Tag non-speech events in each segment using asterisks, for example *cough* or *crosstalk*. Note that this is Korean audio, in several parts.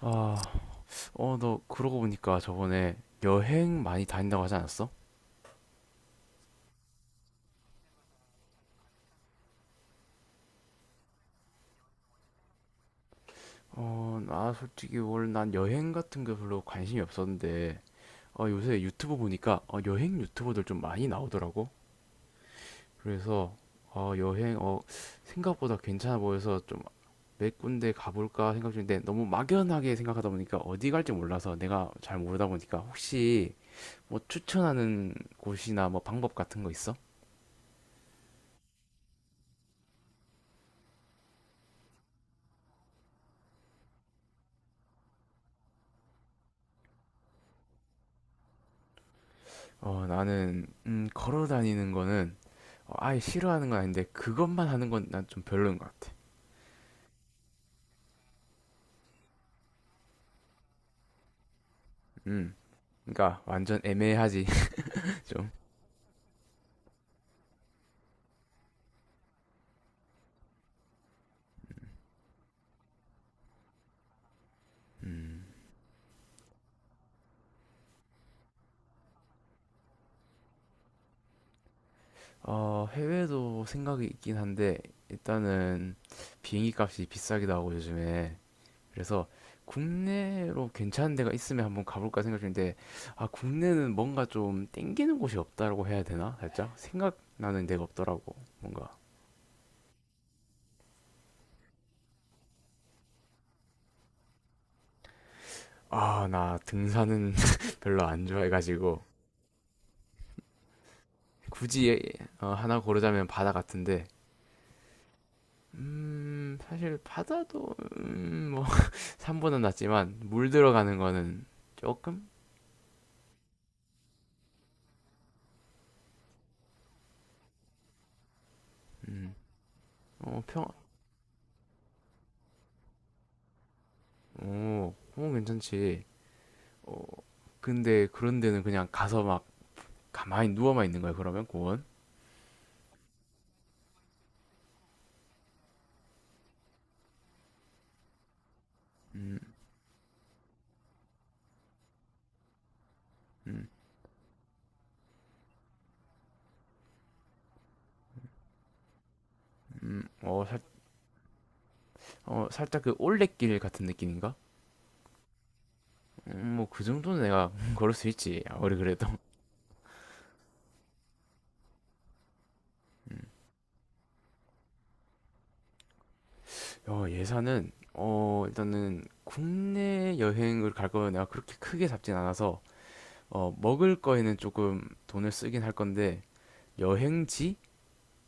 아, 어, 너 그러고 보니까 저번에 여행 많이 다닌다고 하지 않았어? 어, 나 솔직히 원래 난 여행 같은 거 별로 관심이 없었는데, 어, 요새 유튜브 보니까 여행 유튜버들 좀 많이 나오더라고. 그래서 어, 여행 어, 생각보다 괜찮아 보여서 좀 몇 군데 가볼까 생각 중인데, 너무 막연하게 생각하다 보니까 어디 갈지 몰라서, 내가 잘 모르다 보니까 혹시 뭐 추천하는 곳이나 뭐 방법 같은 거 있어? 어, 나는 걸어 다니는 거는 아예 싫어하는 건 아닌데 그것만 하는 건 난 좀 별로인 것 같아. 음, 그러니까 완전 애매하지 *laughs* 좀. 음, 어, 해외도 생각이 있긴 한데, 일단은 비행기 값이 비싸기도 하고 요즘에. 그래서 국내로 괜찮은 데가 있으면 한번 가볼까 생각 중인데, 아, 국내는 뭔가 좀 땡기는 곳이 없다라고 해야 되나? 살짝 생각나는 데가 없더라고 뭔가. 아, 나 등산은 *laughs* 별로 안 좋아해가지고 굳이, 어, 하나 고르자면 바다 같은데, 음, 사실 바다도 뭐 *laughs* 산보다 낫지만 물 들어가는 거는 조금. 음어평어, 어, 평, 어, 어, 괜찮지. 어, 근데 그런 데는 그냥 가서 막 가만히 누워만 있는 거야? 그러면 고원. 음음음어. 살, 어, 살짝 그 올레길 같은 느낌인가. 음, 뭐 그 정도는 내가 *laughs* 걸을 수 있지 아무리 그래도. 음, 어, 예산은 어, 일단은 국내 여행을 갈 거면 내가 그렇게 크게 잡진 않아서. 어, 먹을 거에는 조금 돈을 쓰긴 할 건데, 여행지?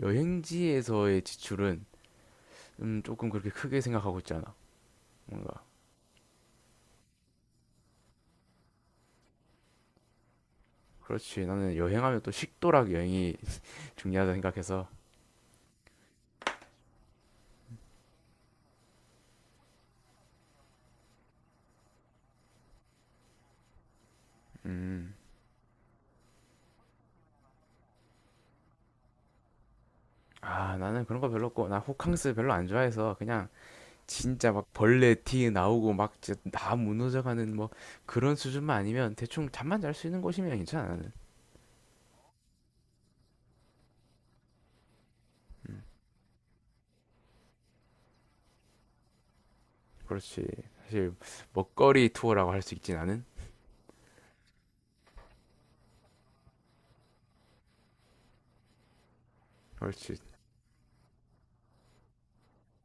여행지에서의 지출은 조금 그렇게 크게 생각하고 있지 않아. 뭔가. 그렇지. 나는 여행하면 또 식도락 여행이 *laughs* 중요하다 생각해서. 음. 아, 나는 그런 거 별로 없고, 나 호캉스 별로 안 좋아해서 그냥 진짜 막 벌레 티 나오고 막 진짜 다 무너져가는 뭐 그런 수준만 아니면 대충 잠만 잘 수 있는 곳이면 괜찮아 나는. 그렇지. 사실 먹거리 투어라고 할 수 있진 않은. 그렇지.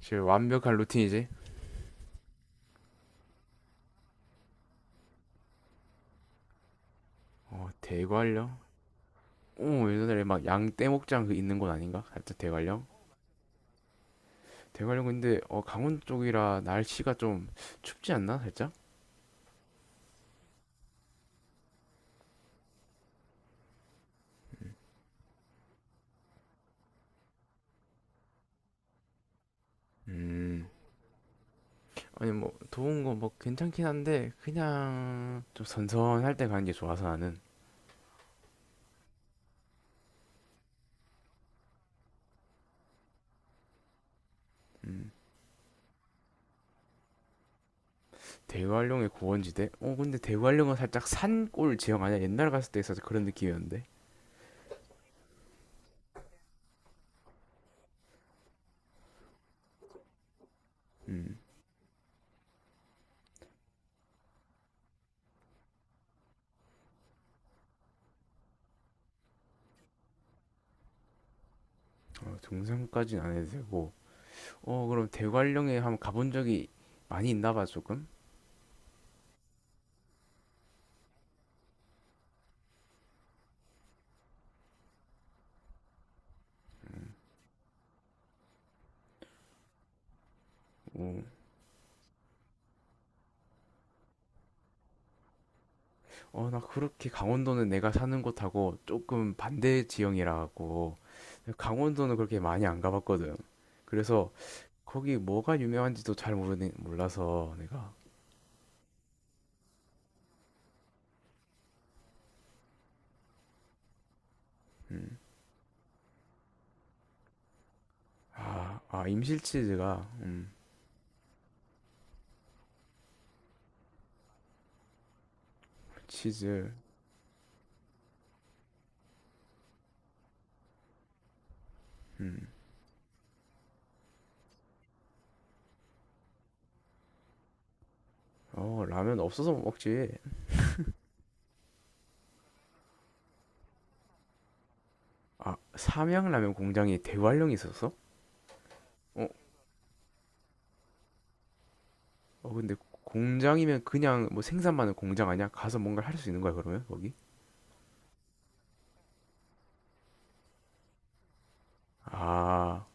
사실 완벽한 루틴이지. 어, 대관령. 어, 예전에 막 양떼목장 그 있는 곳 아닌가 살짝 대관령. 대관령, 근데 어, 강원 쪽이라 날씨가 좀 춥지 않나 살짝. 음. 아니 뭐 더운 거 뭐 괜찮긴 한데 그냥 좀 선선할 때 가는 게 좋아서 나는. 음. 대관령의 고원지대? 어, 근데 대관령은 살짝 산골 지형 아니야? 옛날 갔을 때 있어서 그런 느낌이었는데. 음. 어, 등산까지는 안 해도 되고. 어, 그럼 대관령에 한번 가본 적이 많이 있나 봐 조금. 어. 어, 나 그렇게 강원도는 내가 사는 곳하고 조금 반대 지형이라 갖고 강원도는 그렇게 많이 안 가봤거든. 그래서 거기 뭐가 유명한지도 잘 모르는 몰라서 내가. 음. 아, 임실치즈가 음. 치즈. 음. 어, 라면 없어서 못 먹지. 아, 삼양라면 공장이 대관령에 있었어? 어, 어, 근데 공장이면 그냥 뭐 생산만 은 공장 아니야? 가서 뭔가 할 수 있는 거야, 그러면? 거기? 아,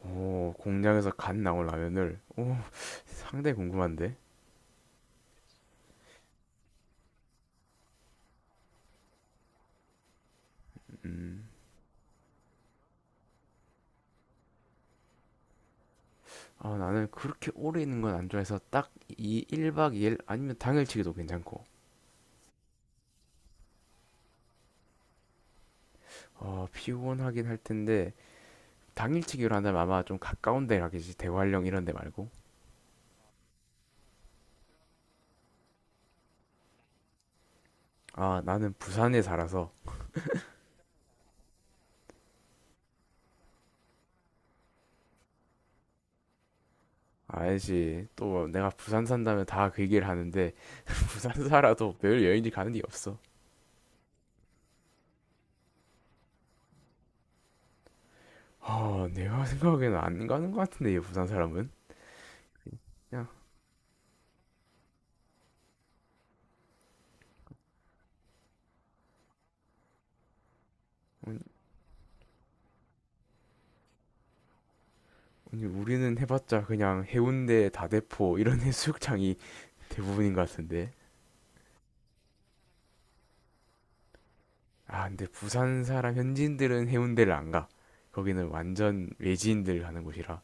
오, 공장에서 갓 나온 라면을. 오, *laughs* 상당히 궁금한데. 음. 아, 나는 그렇게 오래 있는 건 안 좋아해서 딱 이 1박 2일 아니면 당일치기도 괜찮고. 어, 피곤하긴 할 텐데 당일치기로 한다면 아마 좀 가까운 데 가겠지. 대관령 이런 데 말고. 아, 나는 부산에 살아서. 알지. 또 내가 부산 산다면 다 그 얘기를 하는데 *laughs* 부산 살아도 매일 여행지 가는 게 없어. 아, 내가 생각에는 안 가는 것 같은데 이 부산 사람은. 그냥. 아니, 아니, 우리는 해봤자 그냥 해운대, 다대포 이런 *laughs* 해수욕장이 대부분인 것 같은데. 아, 근데 부산 사람 현지인들은 해운대를 안 가. 거기는 완전 외지인들 가는 곳이라.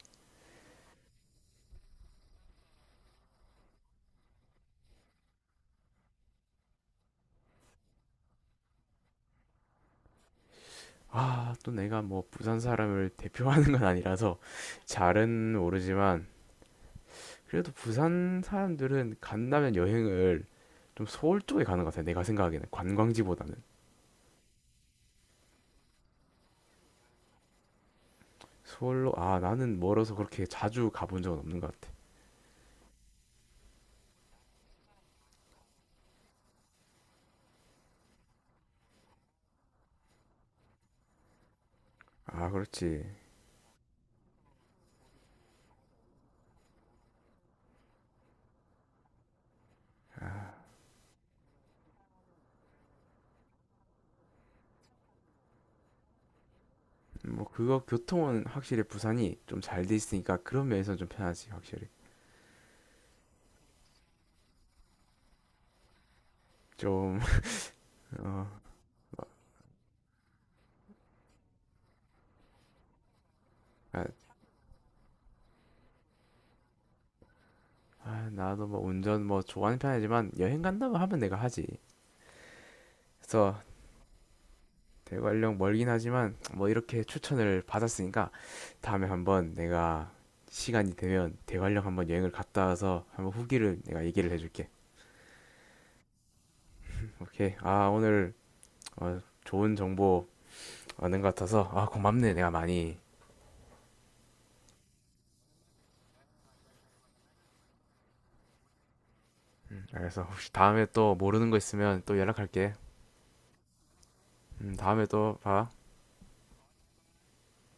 아, 또 내가 뭐 부산 사람을 대표하는 건 아니라서 잘은 모르지만 그래도 부산 사람들은 간다면 여행을 좀 서울 쪽에 가는 것 같아요. 내가 생각하기에는 관광지보다는. 서울로. 아, 나는 멀어서 그렇게 자주 가본 적은 없는 것 같아. 아, 그렇지. 뭐 그거 교통은 확실히 부산이 좀 잘 돼 있으니까 그런 면에서는 좀 편하지 확실히. 좀. *laughs* 어. 아, 나도 뭐 운전 뭐 좋아하는 편이지만 여행 간다고 하면 내가 하지. 그래서 대관령 멀긴 하지만 뭐 이렇게 추천을 받았으니까 다음에 한번 내가 시간이 되면 대관령 한번 여행을 갔다 와서 한번 후기를 내가 얘기를 해줄게. 오케이. 아, 오늘 어, 좋은 정보 얻은 것 같아서 아, 고맙네 내가 많이. 그래서 혹시 다음에 또 모르는 거 있으면 또 연락할게. 다음에 또 봐.